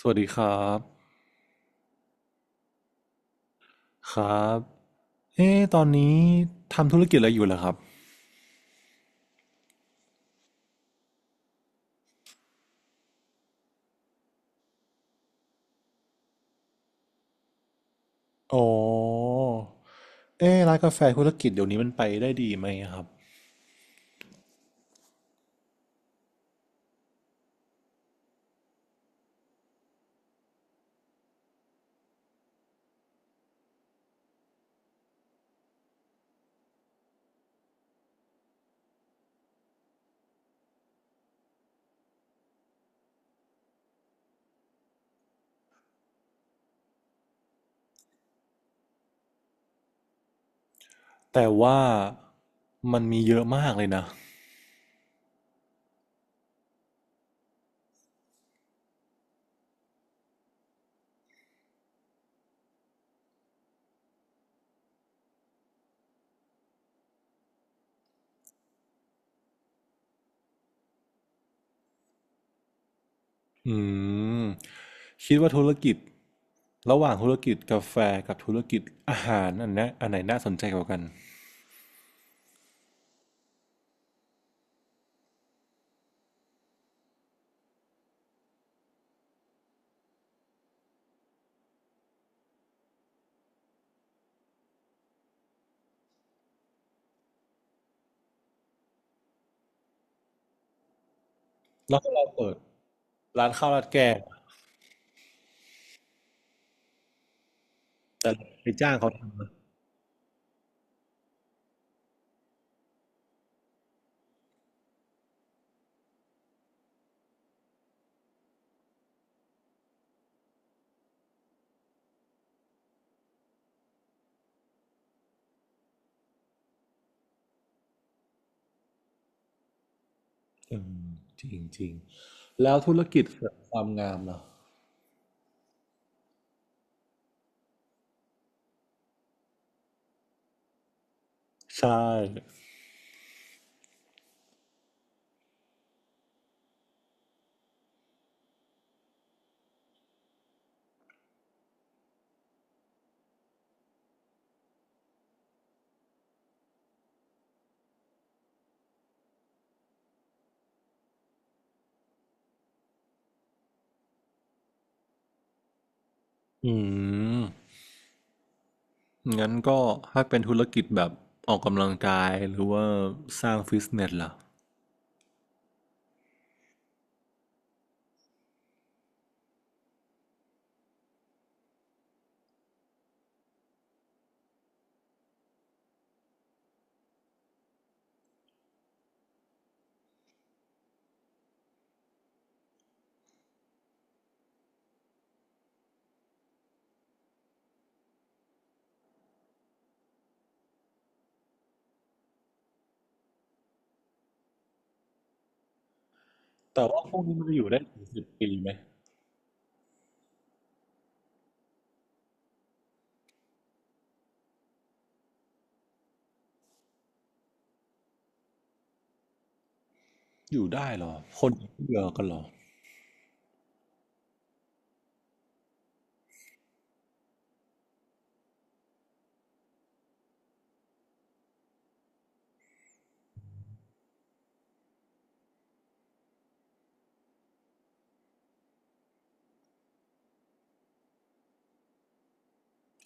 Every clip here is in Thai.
สวัสดีครับครับเอ๊ะตอนนี้ทำธุรกิจอะไรอยู่เหรอครับอ๋อเอ๊ะร้านกาแฟธุรกิจเดี๋ยวนี้มันไปได้ดีไหมครับ แต่ว่ามันมีเยอะมากเลยนะอืมคิดว่าธุรกิจระหว่างธุรกิจกาแฟกับธุรกิจอาหารอันเนี้ยอันไหนน่าสนใจกว่ากันแล้วถ้าเราเปิดร้านข้าวราดแกงแต่ไปจ้างเขาทำอืมจริงจริง แล้วธุรกิจเสริมความงามเหรอใช่ อืมงั้นก็ถ้าเป็นธุรกิจแบบออกกำลังกายหรือว่าสร้างฟิตเนสล่ะแต่ว่าพวกนี้มันจะอยู่ได้ถึงสิบปีไหมอยู่ได้เหรอคนเบื่อกันเหรอ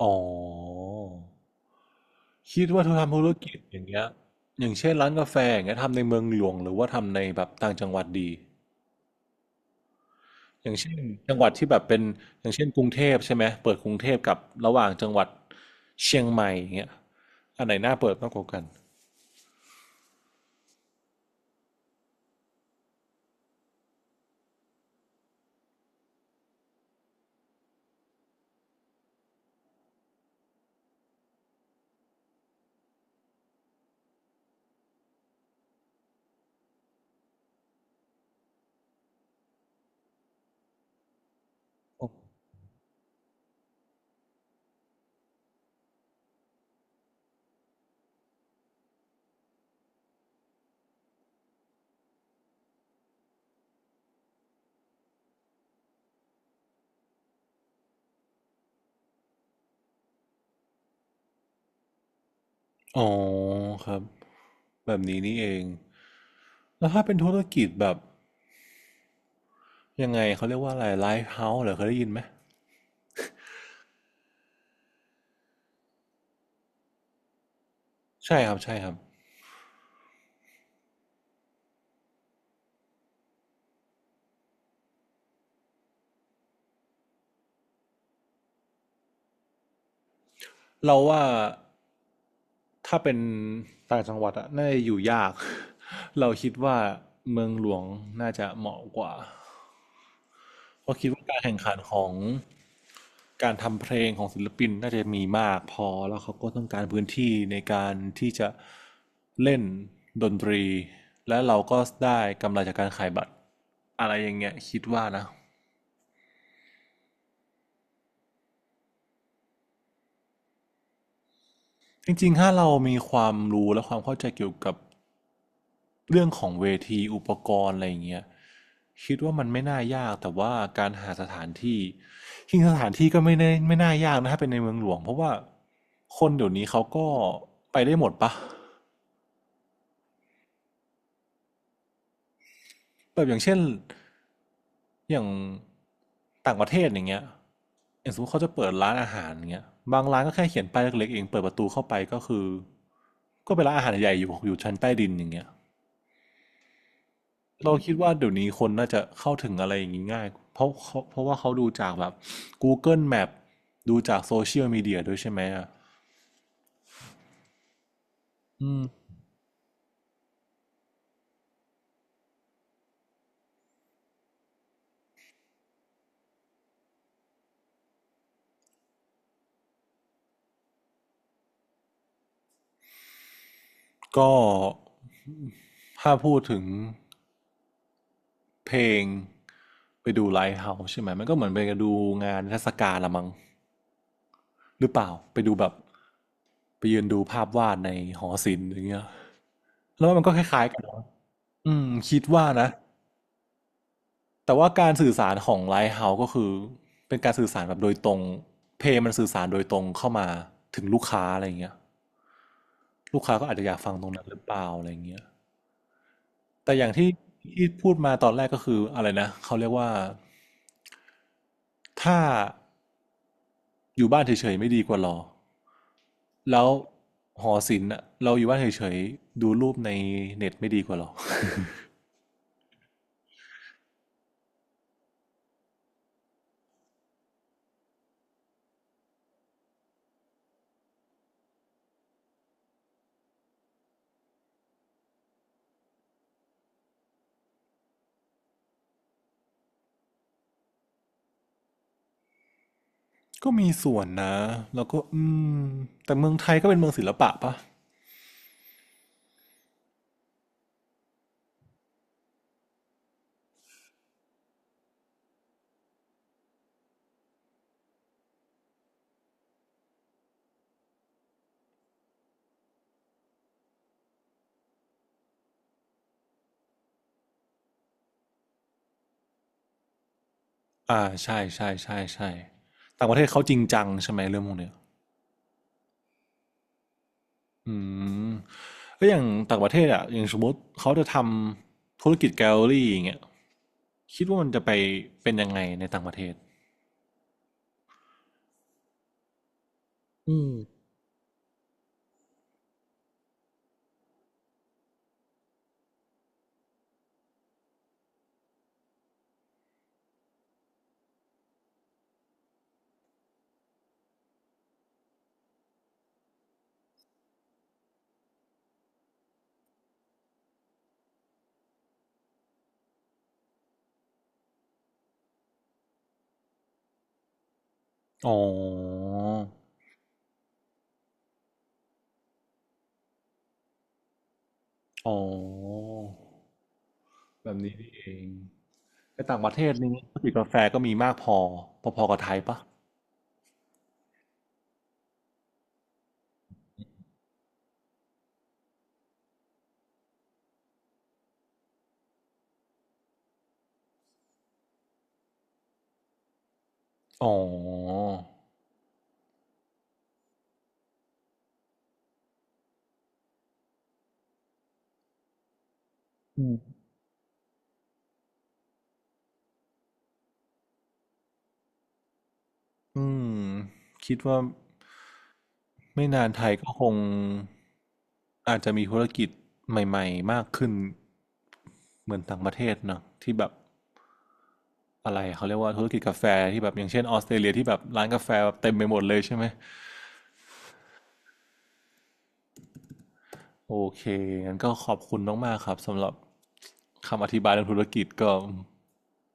อ๋อคิดว่าถ้าทำธุรกิจอย่างเงี้ยอย่างเช่นร้านกาแฟอย่างเงี้ยทำในเมืองหลวงหรือว่าทำในแบบต่างจังหวัดดีอย่างเช่นจังหวัดที่แบบเป็นอย่างเช่นกรุงเทพใช่ไหมเปิดกรุงเทพกับระหว่างจังหวัดเชียงใหม่อย่างเงี้ยอันไหนน่าเปิดมากกว่ากันอ๋อครับ แบบนี้นี่เอง แล้วถ้าเป็นธุรกิจแบบยังไงเขาเรียกว่าอะไรไลฟ์เฮาส์เหรอเคยได้ยินไหม ใช่ครับใช่ครับ เราว่าถ้าเป็นต่างจังหวัดอะน่าจะอยู่ยาก เราคิดว่าเมืองหลวงน่าจะเหมาะกว่าเพราะคิดว่าการแข่งขันของการทำเพลงของศิลปินน่าจะมีมากพอแล้วเขาก็ต้องการพื้นที่ในการที่จะเล่นดนตรีและเราก็ได้กำไรจากการขายบัตรอะไรอย่างเงี้ยคิดว่านะ จริงๆถ้าเรามีความรู้และความเข้าใจเกี่ยวกับเรื่องของเวทีอุปกรณ์อะไรอย่างเงี้ยคิดว่ามันไม่น่ายากแต่ว่าการหาสถานที่จริงๆสถานที่ก็ไม่ได้ไม่น่ายากนะถ้าเป็นในเมืองหลวงเพราะว่าคนเดี๋ยวนี้เขาก็ไปได้หมดปะแบบอย่างเช่นอย่างต่างประเทศอย่างเงี้ยอย่างสมมติเขาจะเปิดร้านอาหารอย่างเงี้ยบางร้านก็แค่เขียนป้ายเล็กๆเองเปิดประตูเข้าไปก็คือก็เป็นร้านอาหารใหญ่อยู่อยู่ชั้นใต้ดินอย่างเงี้ย เราคิดว่าเดี๋ยวนี้คนน่าจะเข้าถึงอะไรอย่างนี้ง่ายเพราะเขาเพราะว่าเขาดูจากแบบ Google Map ดูจากโซเชียลมีเดียด้วยใช่ไหมอ่ะอืมก็ถ้าพูดถึงเพลงไปดูไลฟ์เฮาส์ใช่ไหมมันก็เหมือนไปดูงานเทศกาลละมั้งหรือเปล่าไปดูแบบไปยืนดูภาพวาดในหอศิลป์อย่างเงี้ยแล้วมันก็คล้ายๆกันเนอะอืมคิดว่านะ แต่ว่าการสื่อสารของไลท์เฮาส์ก็คือเป็นการสื่อสารแบบโดยตรงเพลงมันสื่อสารโดยตรงเข้ามาถึงลูกค้าอะไรเงี้ยลูกค้าก็อาจจะอยากฟังตรงนั้นหรือเปล่าอะไรเงี้ยแต่อย่างที่ที่พูดมาตอนแรกก็คืออะไรนะเขาเรียกว่าถ้าอยู่บ้านเฉยๆไม่ดีกว่ารอแล้วหอศิลป์เราอยู่บ้านเฉยๆดูรูปในเน็ตไม่ดีกว่าหรอก็มีส่วนนะแล้วก็อืมแต่เมืองไทยก็เป็นเมืองศิลปะปะ อาใช่ใช่ใช่ใช่ต่างประเทศเขาจริงจังใช่ไหมเรื่องพวกเนี้ยอืมแล้วอย่างต่างประเทศอะอย่างสมมติเขาจะทำธุรกิจแกลเลอรี่อย่างเงี้ยคิดว่ามันจะไปเป็นยังไงในต่างประเทศอืมอ๋ออ๋อแบบนี้นี่เองแต่ต่างประเทศนี้ธุรกิจกาแฟก็มีมากพอพอๆกับไทยปะอ๋ออืม อืมคิดว่าไม่นานไทยก็คงอาจจะมีธุรกิจใหม่ๆมากขึ้นเหมือนต่างประเทศเนอะที่แบบอะไรเขาเรียกว่าธุรกิจกาแฟที่แบบอย่างเช่นออสเตรเลียที่แบบร้านกาแฟแบบเต็มไปหมดเลยใช่ไหมโอเคงั้นก็ขอบคุณมากๆครับสำหรับคำอธิบายเรื่องธุรกิจก็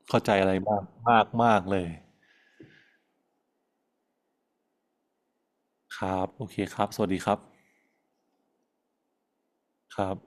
เข้าใจอะไรมากมากมากเลยครับโอเคครับสวัสดีครับครับ